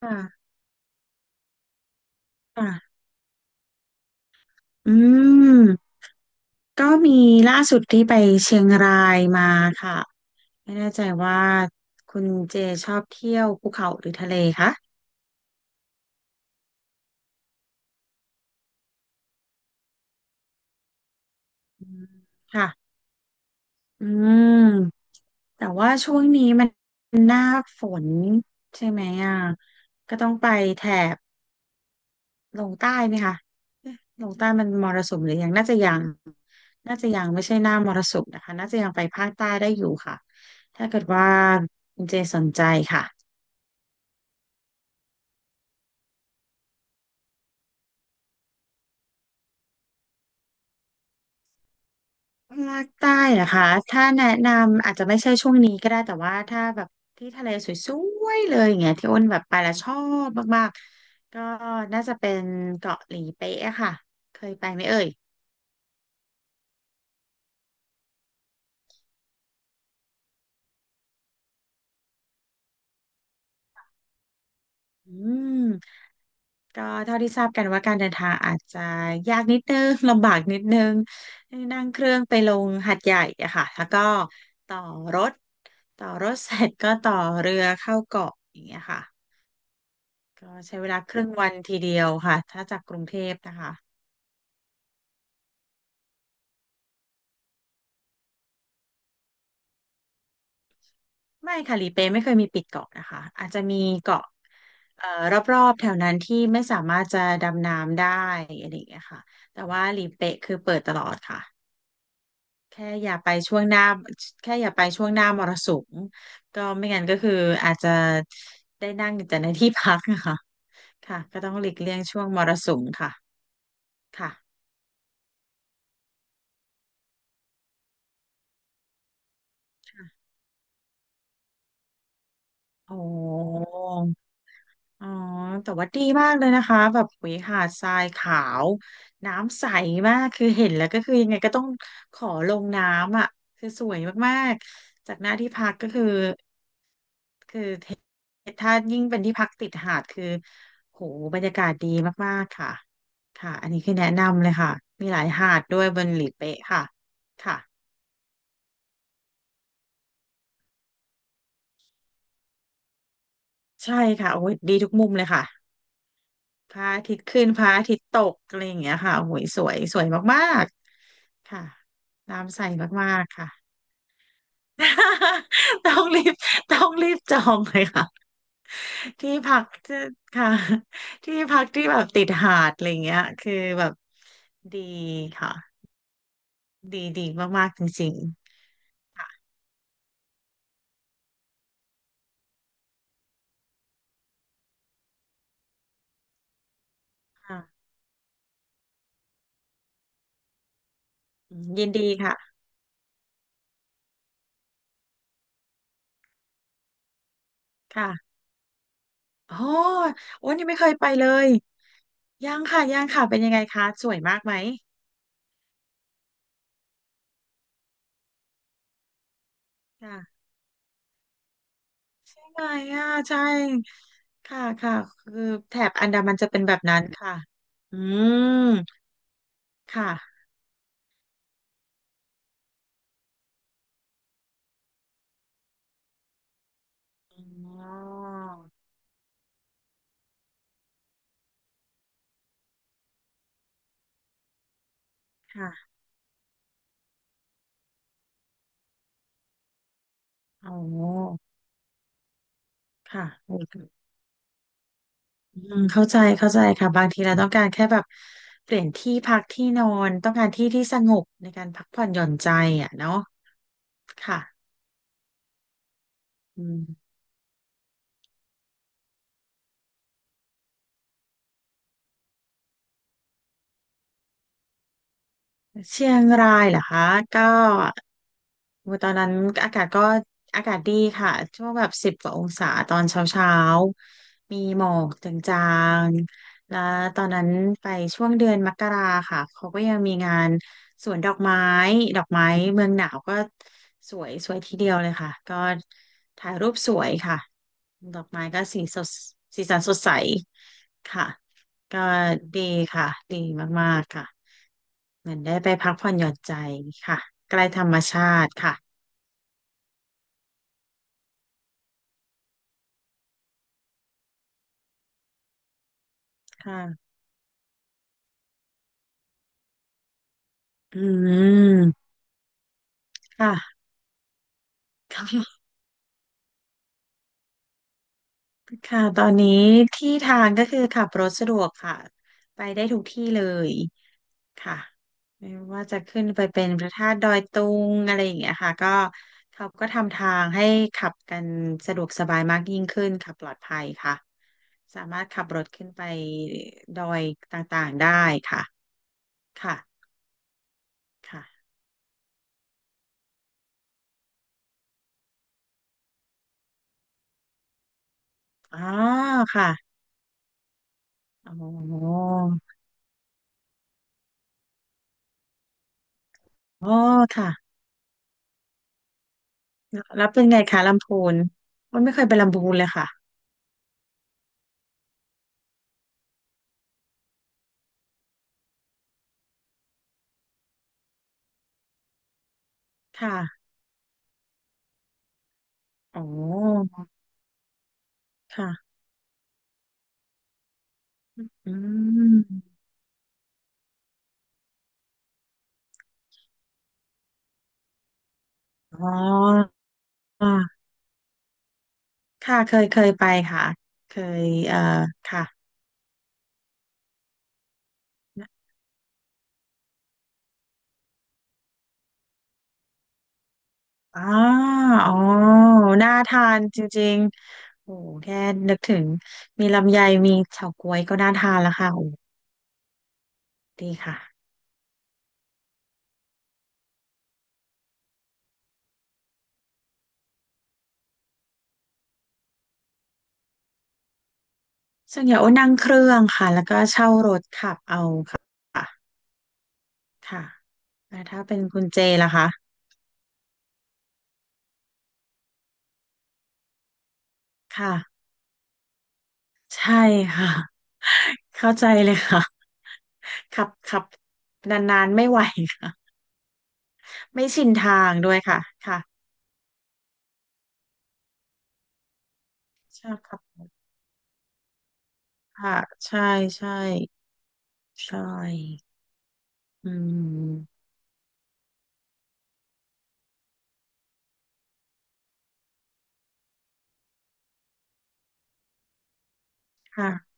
ค่ะค่ะอืมก็มีล่าสุดที่ไปเชียงรายมาค่ะไม่แน่ใจว่าคุณเจชอบเที่ยวภูเขาหรือทะเลคะค่ะอืมแต่ว่าช่วงนี้มันหน้าฝนใช่ไหมอ่ะก็ต้องไปแถบลงใต้ไหมคะเอ๊ะลงใต้มันมรสุมหรือยังน่าจะยัง น่าจะยังไม่ใช่หน้ามรสุมนะคะน่าจะยังไปภาคใต้ได้อยู่ค่ะ ถ้าเกิดว่าคุณเจสนใจค่ะ ภาคใต้เหรอคะถ้าแนะนำอาจจะไม่ใช่ช่วงนี้ก็ได้แต่ว่าถ้าแบบที่ทะเลสวยๆเลยอย่างเงี้ยที่อ้นแบบไปแล้วชอบมากๆก็น่าจะเป็นเกาะหลีเป๊ะอะค่ะเคยไปไหมเอ่ยอืมก็เท่าที่ทราบกันว่าการเดินทางอาจจะยากนิดนึง ลำบากนิดนึงนั่งเครื่องไปลงหาดใหญ่อะค่ะแล้วก็ต่อรถต่อรถเสร็จก็ต่อเรือเข้าเกาะอย่างเงี้ยค่ะ ก็ใช้เวลาครึ่งวันทีเดียวค่ะถ้าจากกรุงเทพนะคะไม่ค่ะหลีเป๊ะไม่เคยมีปิดเกาะนะคะอาจจะมีเกาะเอ่อรอบๆแถวนั้นที่ไม่สามารถจะดำน้ำได้อะไรอย่างเงี้ยค่ะแต่ว่าหลีเป๊ะคือเปิดตลอดค่ะแค่อย่าไปช่วงหน้าแค่อย่าไปช่วงหน้ามรสุมก็ไม่งั้นก็คืออาจจะได้นั่งอยู่แต่ในที่พักนะคะค่ะก็ต้องหลีกเลี่ยงช่วงมรสุมค่ะค่ะค่ะโอ้ อ๋อแต่ว่าดีมากเลยนะคะแบบหุยหาดทรายขาวน้ำใสมากคือเห็นแล้วก็คือยังไงก็ต้องขอลงน้ำอ่ะคือสวยมากๆจากหน้าที่พักก็คือคือถ้ายิ่งเป็นที่พักติดหาดคือโหบรรยากาศดีมากๆค่ะค่ะอันนี้คือแนะนำเลยค่ะมีหลายหาดด้วยบนหลีเป๊ะค่ะค่ะใช่ค่ะโอ้ยดีทุกมุมเลยค่ะพระอาทิตย์ขึ้นพระอาทิตย์ตกอะไรอย่างเงี้ยค่ะโอ้ยสวยสวยมาก ค่ะ น้ำใสมากๆ ค่ะ ต้องรีบต้องรีบจองเลยค่ะ ที่พักที่ค่ะที่พักที่แบบติดหาดอะไรเงี้ยคือแบบดีค่ะ ดีดีมากๆ จริงๆค่ะค่ะยินดีค่ะ ค่ะ โอ้โอ้นี่ไม่เคยไปเลย ยังค่ะ ยังค่ะ เป็นยังไงคะสวยมากไหมค่ะ ไหนอ่ะใช่ค่ะค่ะคือแถบอันดามันจะเป็นแบบนั้นค่ะอืมค่ะอ๋อค่ะอ๋อค่ะโอเคเข้าใจเข้าใจค่ะบางทีเราต้องการแค่แบบเปลี่ยนที่พักที่นอนต้องการที่ที่สงบในการพักผ่อนหย่อนใจอ่ะเนาะค่ะอืม เชียงรายเหรอคะก็โอ้ตอนนั้นอากาศก็อากาศดีค่ะช่วงแบบ10 กว่าองศาตอนเช้าเช้ามีหมอกจางๆแล้วตอนนั้นไปช่วงเดือนมกราค่ะเขาก็ยังมีงานสวนดอกไม้ดอกไม้เมืองหนาวก็สวยสวยทีเดียวเลยค่ะก็ถ่ายรูปสวยค่ะดอกไม้ก็สีสดสีสันสดใสค่ะก็ดีค่ะดีมากๆค่ะค่ะ อืมค่ะ ค่ะค่ะตอนนี้ที่ทางก็คือขับรถสะดวกค่ะไปได้ทุกที่เลยค่ะไม่ว่าจะขึ้นไปเป็นพระธาตุดอยตุงอะไรอย่างเงี้ยค่ะก็เขาก็ทำทางให้ขับกันสะดวกสบายมากยิ่งขึ้นค่ะปลอดภัยค่ะสามารถขับรถขึ้นไปดอยต่างๆได้ค่ะค่ะค่ะอ๋อค่ะอ๋ออ๋อค่ะ แล้วเป็นไงคะลำพูนมันไม่เคยไปลำพูนเลยค่ะค่ะอ๋อค่ะอืมอ๋อค่ะเคยเคยไปค่ะเคยค่ะอ๋ออ๋อน่าทานจริงๆโอ้แค่นึกถึงมีลำไยมีเฉาก๊วยก็น่าทานแล้วค่ะโอ้ดีค่ะส่วนใหญ่โอ้นั่งเครื่องค่ะแล้วก็เช่ารถขับเอาค่ะค่ะแล้วถ้าเป็นคุณเจล่ะคะค่ะใช่ค่ะ เข้าใจเลยค่ะ ขับขับนานๆไม่ไหวค่ะ ไม่ชินทางด้วยค่ะค่ะใช่ครับค่ะใช่ใช่ใช่อืมค่ะ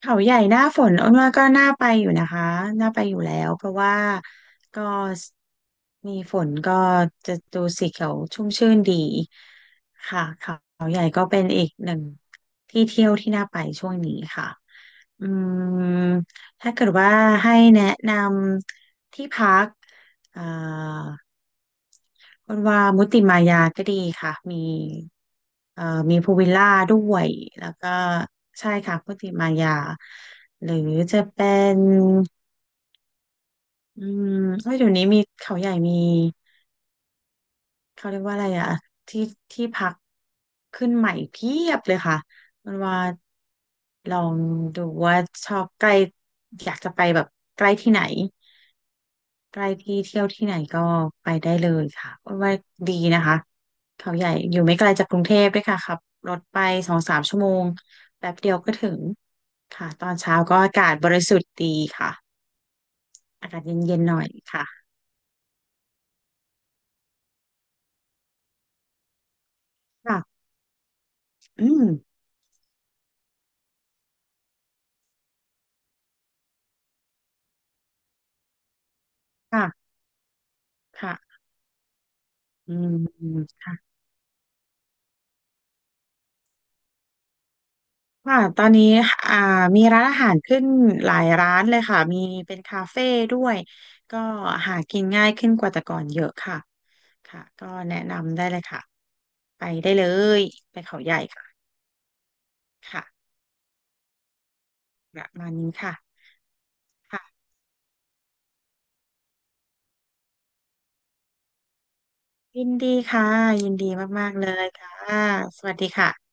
เขาใหญ่หน้าฝนอ้นว่าก็น่าไปอยู่นะคะน่าไปอยู่แล้วเพราะว่าก็มีฝนก็จะดูสีเขียวชุ่มชื่นดีค่ะเขาใหญ่ก็เป็นอีกหนึ่งที่เที่ยวที่น่าไปช่วงนี้ค่ะ อืมถ้าเกิดว่าให้แนะนำที่พักเอ่าคนว่ามุติมายาก็ดีค่ะมีเอ่อมีพูลวิลล่าด้วยแล้วก็ใช่ค่ะมุติมายาหรือจะเป็นอืมเอ้ยเดี๋ยวนี้มีเขาใหญ่มีเขาเรียกว่าอะไรอะที่ที่พักขึ้นใหม่เพียบเลยค่ะมันว่าลองดูว่าชอบใกล้อยากจะไปแบบใกล้ที่ไหน ใกล้ที่เที่ยวที่ไหนก็ไปได้เลยค่ะเว่าดีนะคะเขาใหญ่อยู่ไม่ไกลจากกรุงเทพด้วยค่ะขับรถไป2-3 ชั่วโมงแป๊บเดียวก็ถึงค่ะตอนเช้าก็อากาศบริสุทธิ์ดีค่ะอากาศเย็นๆหน่อยค่ะค่ะอืมค่ะค่ะอืมค่ะค่ะตอนนี้อ่ามีร้านอาหารขึ้นหลายร้านเลยค่ะมีเป็นคาเฟ่ด้วยก็หากินง่ายขึ้นกว่าแต่ก่อนเยอะค่ะ ค่ะก็แนะนำได้เลยค่ะ ไปได้เลย ไปเขาใหญ่ค่ะค่ะประมาณนี้ค่ะค่ะยินดีค่ะยินดีมากๆเลยค่ะ สวัสดีค่ะ